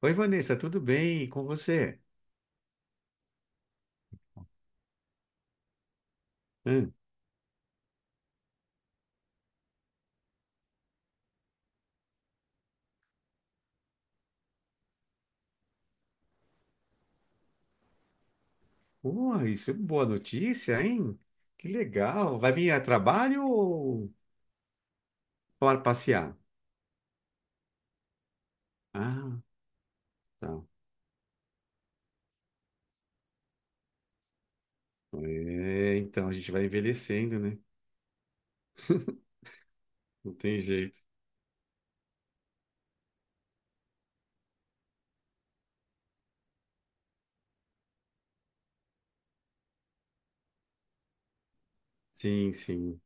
Oi, Vanessa, tudo bem? E com você? Hum. Uai, isso é uma boa notícia, hein? Que legal. Vai vir a trabalho ou para passear? Ah, tá. É, então a gente vai envelhecendo, né? Não tem jeito. Sim, sim.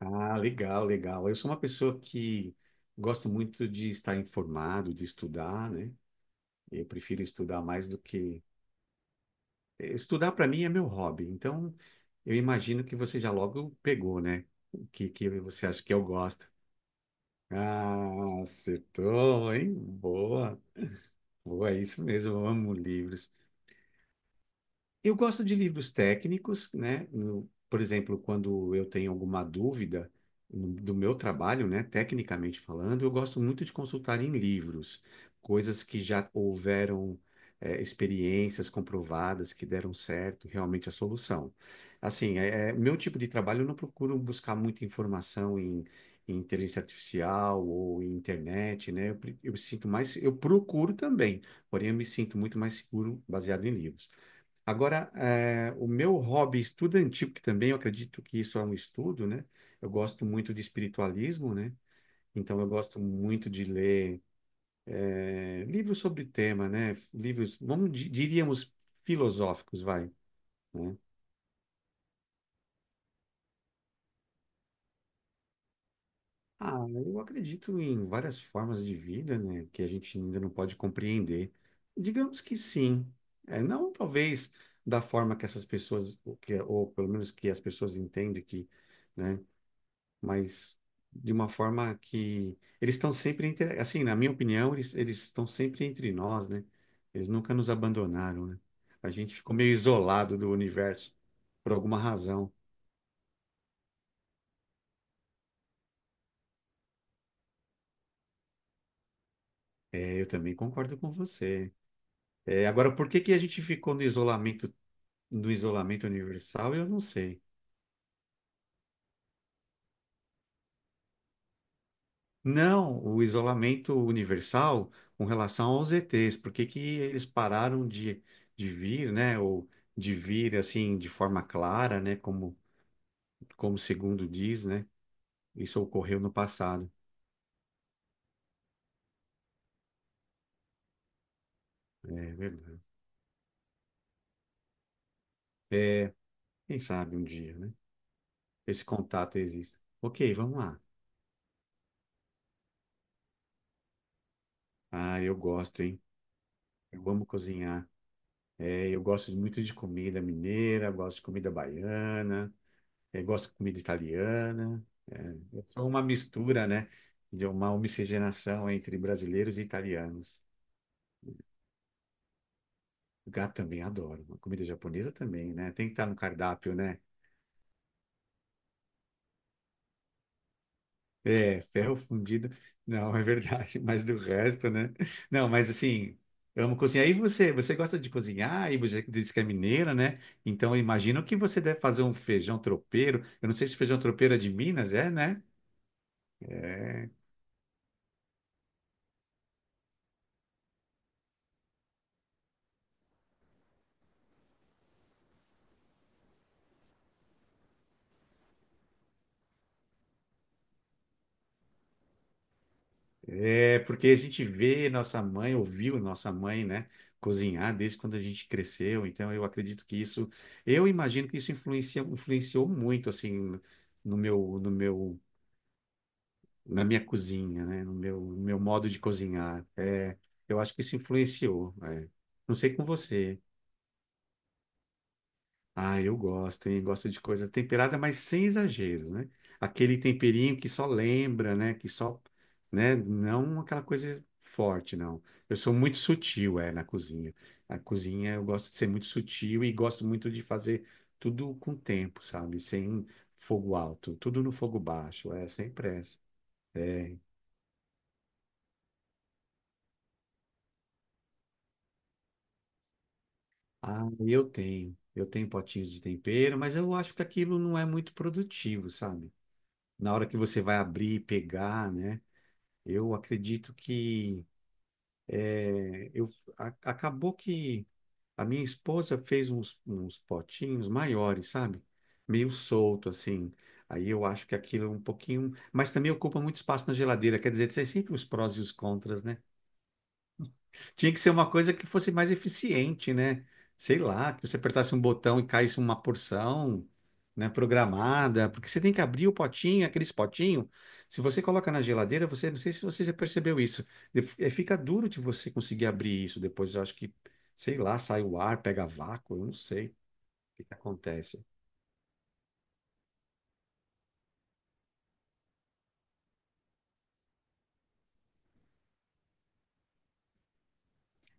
Ah, legal, legal. Eu sou uma pessoa que gosto muito de estar informado, de estudar, né? Eu prefiro estudar mais do que. Estudar para mim é meu hobby. Então, eu imagino que você já logo pegou, né? O que, que você acha que eu gosto? Ah, acertou, hein? Boa, boa, é isso mesmo, eu amo livros. Eu gosto de livros técnicos, né? Por exemplo, quando eu tenho alguma dúvida do meu trabalho, né? Tecnicamente falando, eu gosto muito de consultar em livros, coisas que já houveram, experiências comprovadas que deram certo, realmente a solução. Assim, meu tipo de trabalho, eu não procuro buscar muita informação em, em inteligência artificial ou em internet, né? Eu, eu sinto mais, eu procuro também, porém eu me sinto muito mais seguro baseado em livros. Agora, o meu hobby estudantil, que também eu acredito que isso é um estudo, né? Eu gosto muito de espiritualismo, né? Então, eu gosto muito de ler livros sobre o tema, né? Livros, vamos, diríamos, filosóficos, vai, né? Ah, eu acredito em várias formas de vida, né? Que a gente ainda não pode compreender. Digamos que sim. É, não, talvez, da forma que essas pessoas, ou que- ou pelo menos que as pessoas entendem que, né? Mas de uma forma que eles estão sempre entre, assim, na minha opinião, eles estão sempre entre nós, né? Eles nunca nos abandonaram, né? A gente ficou meio isolado do universo por alguma razão. É, eu também concordo com você. É, agora, por que que a gente ficou no isolamento no isolamento universal? Eu não sei. Não, o isolamento universal com relação aos ETs, por que que eles pararam de, vir, né? Ou de vir assim de forma clara, né? Como segundo diz, né? Isso ocorreu no passado. É verdade. Quem sabe um dia, né? Esse contato existe. Ok, vamos lá. Ah, eu gosto, hein? Eu amo cozinhar. É, eu gosto muito de comida mineira, gosto de comida baiana, é, gosto de comida italiana. É, eu sou uma mistura, né? De uma miscigenação entre brasileiros e italianos. Gato também adoro. Comida japonesa também, né? Tem que estar no cardápio, né? É, ferro fundido. Não, é verdade, mas do resto, né? Não, mas assim, amo cozinhar. E você, você gosta de cozinhar? E você diz que é mineira, né? Então, eu imagino que você deve fazer um feijão tropeiro. Eu não sei se feijão tropeiro é de Minas, é, né? É, é, porque a gente vê nossa mãe, ouviu nossa mãe, né, cozinhar desde quando a gente cresceu. Então, eu acredito que isso, eu imagino que isso influencia, influenciou muito, assim, no meu na minha cozinha, né? No meu modo de cozinhar. É, eu acho que isso influenciou. É. Não sei com você. Ah, eu gosto, hein? Gosto de coisa temperada, mas sem exageros, né? Aquele temperinho que só lembra, né? Que só, né? Não aquela coisa forte, não. Eu sou muito sutil, é, na cozinha. Na cozinha eu gosto de ser muito sutil e gosto muito de fazer tudo com tempo, sabe? Sem fogo alto, tudo no fogo baixo, é, sem pressa. É. Ah, eu tenho. Eu tenho potinhos de tempero, mas eu acho que aquilo não é muito produtivo, sabe? Na hora que você vai abrir e pegar, né? Eu acredito que eu acabou que a minha esposa fez uns potinhos maiores, sabe? Meio solto assim. Aí eu acho que aquilo é um pouquinho, mas também ocupa muito espaço na geladeira. Quer dizer, tem sempre os prós e os contras, né? Tinha que ser uma coisa que fosse mais eficiente, né? Sei lá, que você apertasse um botão e caísse uma porção, né, programada, porque você tem que abrir o potinho, aqueles potinhos. Se você coloca na geladeira, você, não sei se você já percebeu isso, fica duro de você conseguir abrir isso depois. Eu acho que, sei lá, sai o ar, pega vácuo, eu não sei o que que acontece.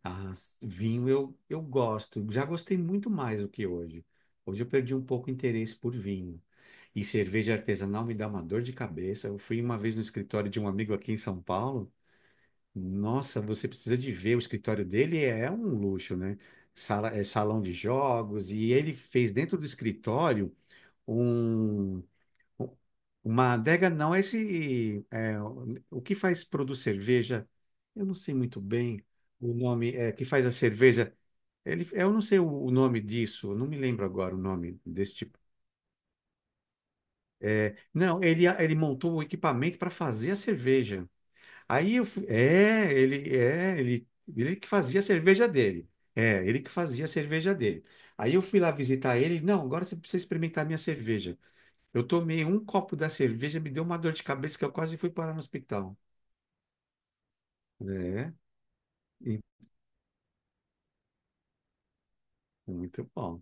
Ah, vinho eu gosto. Já gostei muito mais do que hoje. Hoje eu perdi um pouco o interesse por vinho. E cerveja artesanal me dá uma dor de cabeça. Eu fui uma vez no escritório de um amigo aqui em São Paulo. Nossa, você precisa de ver. O escritório dele é um luxo, né? Sala, é salão de jogos. E ele fez dentro do escritório um. U- Uma adega não, esse é, o que faz produz cerveja, eu não sei muito bem o nome é, que faz a cerveja. Ele, eu não sei o nome disso, eu não me lembro agora o nome desse tipo. Não, ele montou o equipamento para fazer a cerveja. Aí eu fui, é, ele que fazia a cerveja dele. É, ele que fazia a cerveja dele. Aí eu fui lá visitar ele, não, agora você precisa experimentar a minha cerveja. Eu tomei um copo da cerveja, me deu uma dor de cabeça que eu quase fui parar no hospital. É, e muito bom.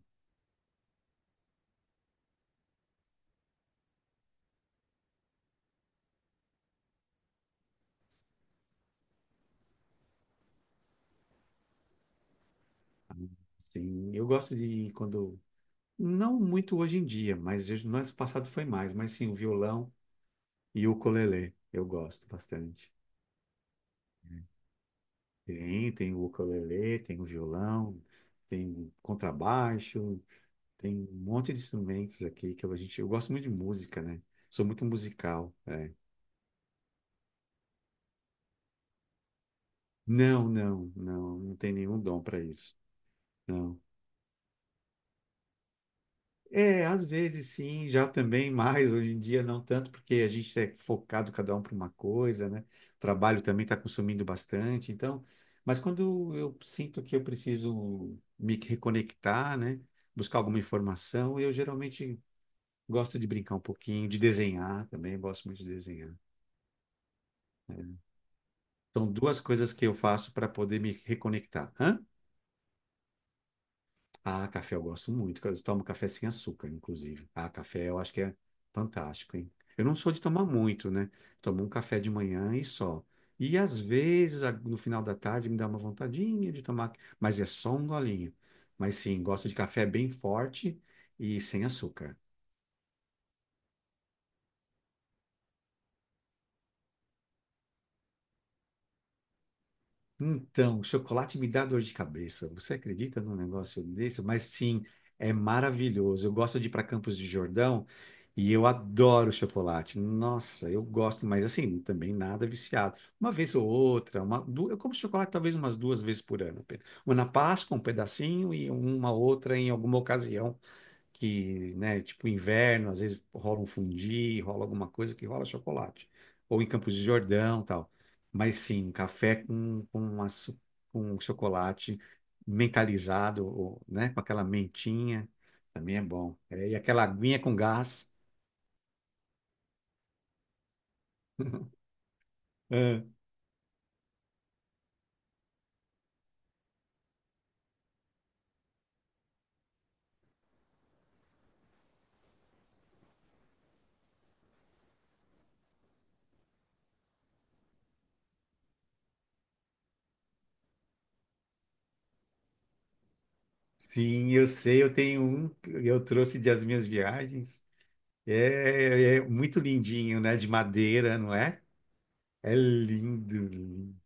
Sim, eu gosto de quando. Não muito hoje em dia, mas eu- no ano passado foi mais. Mas sim, o violão e o ukulele. Eu gosto bastante. Tem, tem o ukulele, tem o violão, tem o contrabaixo, tem um monte de instrumentos aqui que a gente. Eu gosto muito de música, né? Sou muito musical. É. Não, não, não, não tem nenhum dom para isso. Não. É, às vezes sim, já também mais, hoje em dia não tanto, porque a gente é focado cada um para uma coisa, né? O trabalho também está consumindo bastante, então, mas quando eu sinto que eu preciso me reconectar, né? Buscar alguma informação, eu geralmente gosto de brincar um pouquinho, de desenhar também, eu gosto muito de desenhar. Né? São duas coisas que eu faço para poder me reconectar. Hã? Ah, café eu gosto muito. Eu tomo café sem açúcar, inclusive. Ah, café eu acho que é fantástico, hein? Eu não sou de tomar muito, né? Tomo um café de manhã e só. E às vezes, no final da tarde, me dá uma vontadinha de tomar, mas é só um golinho. Mas sim, gosto de café bem forte e sem açúcar. Então, chocolate me dá dor de cabeça. Você acredita num negócio desse? Mas sim, é maravilhoso. Eu gosto de ir para Campos de Jordão e eu adoro chocolate. Nossa, eu gosto, mas assim, também nada viciado. Uma vez ou outra, eu como chocolate talvez umas 2 vezes por ano. Apenas. Uma na Páscoa, um pedacinho, e uma outra em alguma ocasião que, né, tipo inverno, às vezes rola um fundi, rola alguma coisa que rola chocolate. Ou em Campos de Jordão, tal. Mas sim, um café com um chocolate mentalizado, ou, né, com aquela mentinha, também é bom. É, e aquela aguinha com gás. É. Sim, eu sei, eu tenho um, que eu trouxe das minhas viagens. É, é muito lindinho, né? De madeira, não é? É lindo, lindo.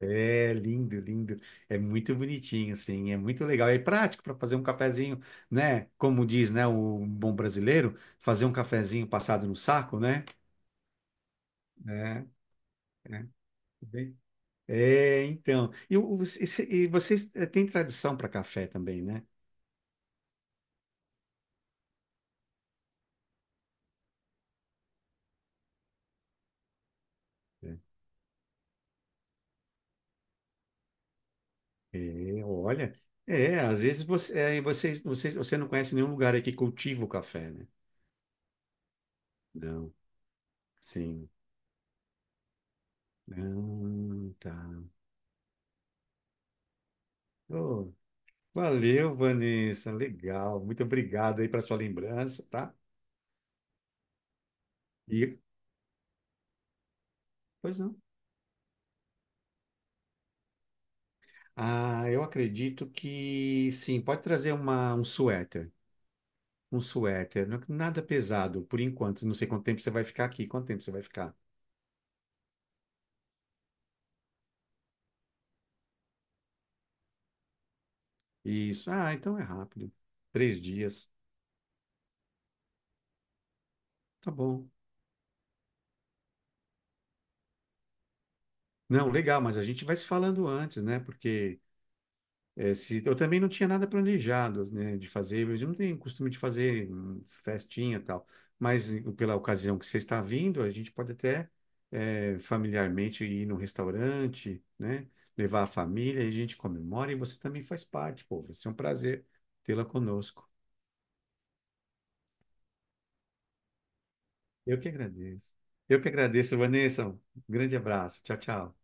É lindo, lindo. É muito bonitinho, assim. É muito legal. É prático para fazer um cafezinho, né? Como diz, né, o bom brasileiro, fazer um cafezinho passado no saco, né? É, é. Bem- é, então. E, e vocês têm tradição para café também, né? É, é, olha. É, às vezes você, é, você não conhece nenhum lugar aí que cultiva o café, né? Não. Sim. Não, tá. Valeu, Vanessa. Legal. Muito obrigado aí para sua lembrança, tá? E, pois não. Ah, eu acredito que sim, pode trazer uma, um suéter. Um suéter, nada pesado por enquanto. Não sei quanto tempo você vai ficar aqui. Quanto tempo você vai ficar? Isso. Ah, então é rápido. 3 dias. Tá bom. Não, legal, mas a gente vai se falando antes, né? Porque é, eu também não tinha nada planejado, né, de fazer, mas eu não tenho costume de fazer festinha e tal. Mas pela ocasião que você está vindo, a gente pode até familiarmente ir num restaurante, né, levar a família e a gente comemora e você também faz parte, pô. Vai ser um prazer tê-la conosco. Eu que agradeço. Eu que agradeço, Vanessa. Um grande abraço. Tchau, tchau.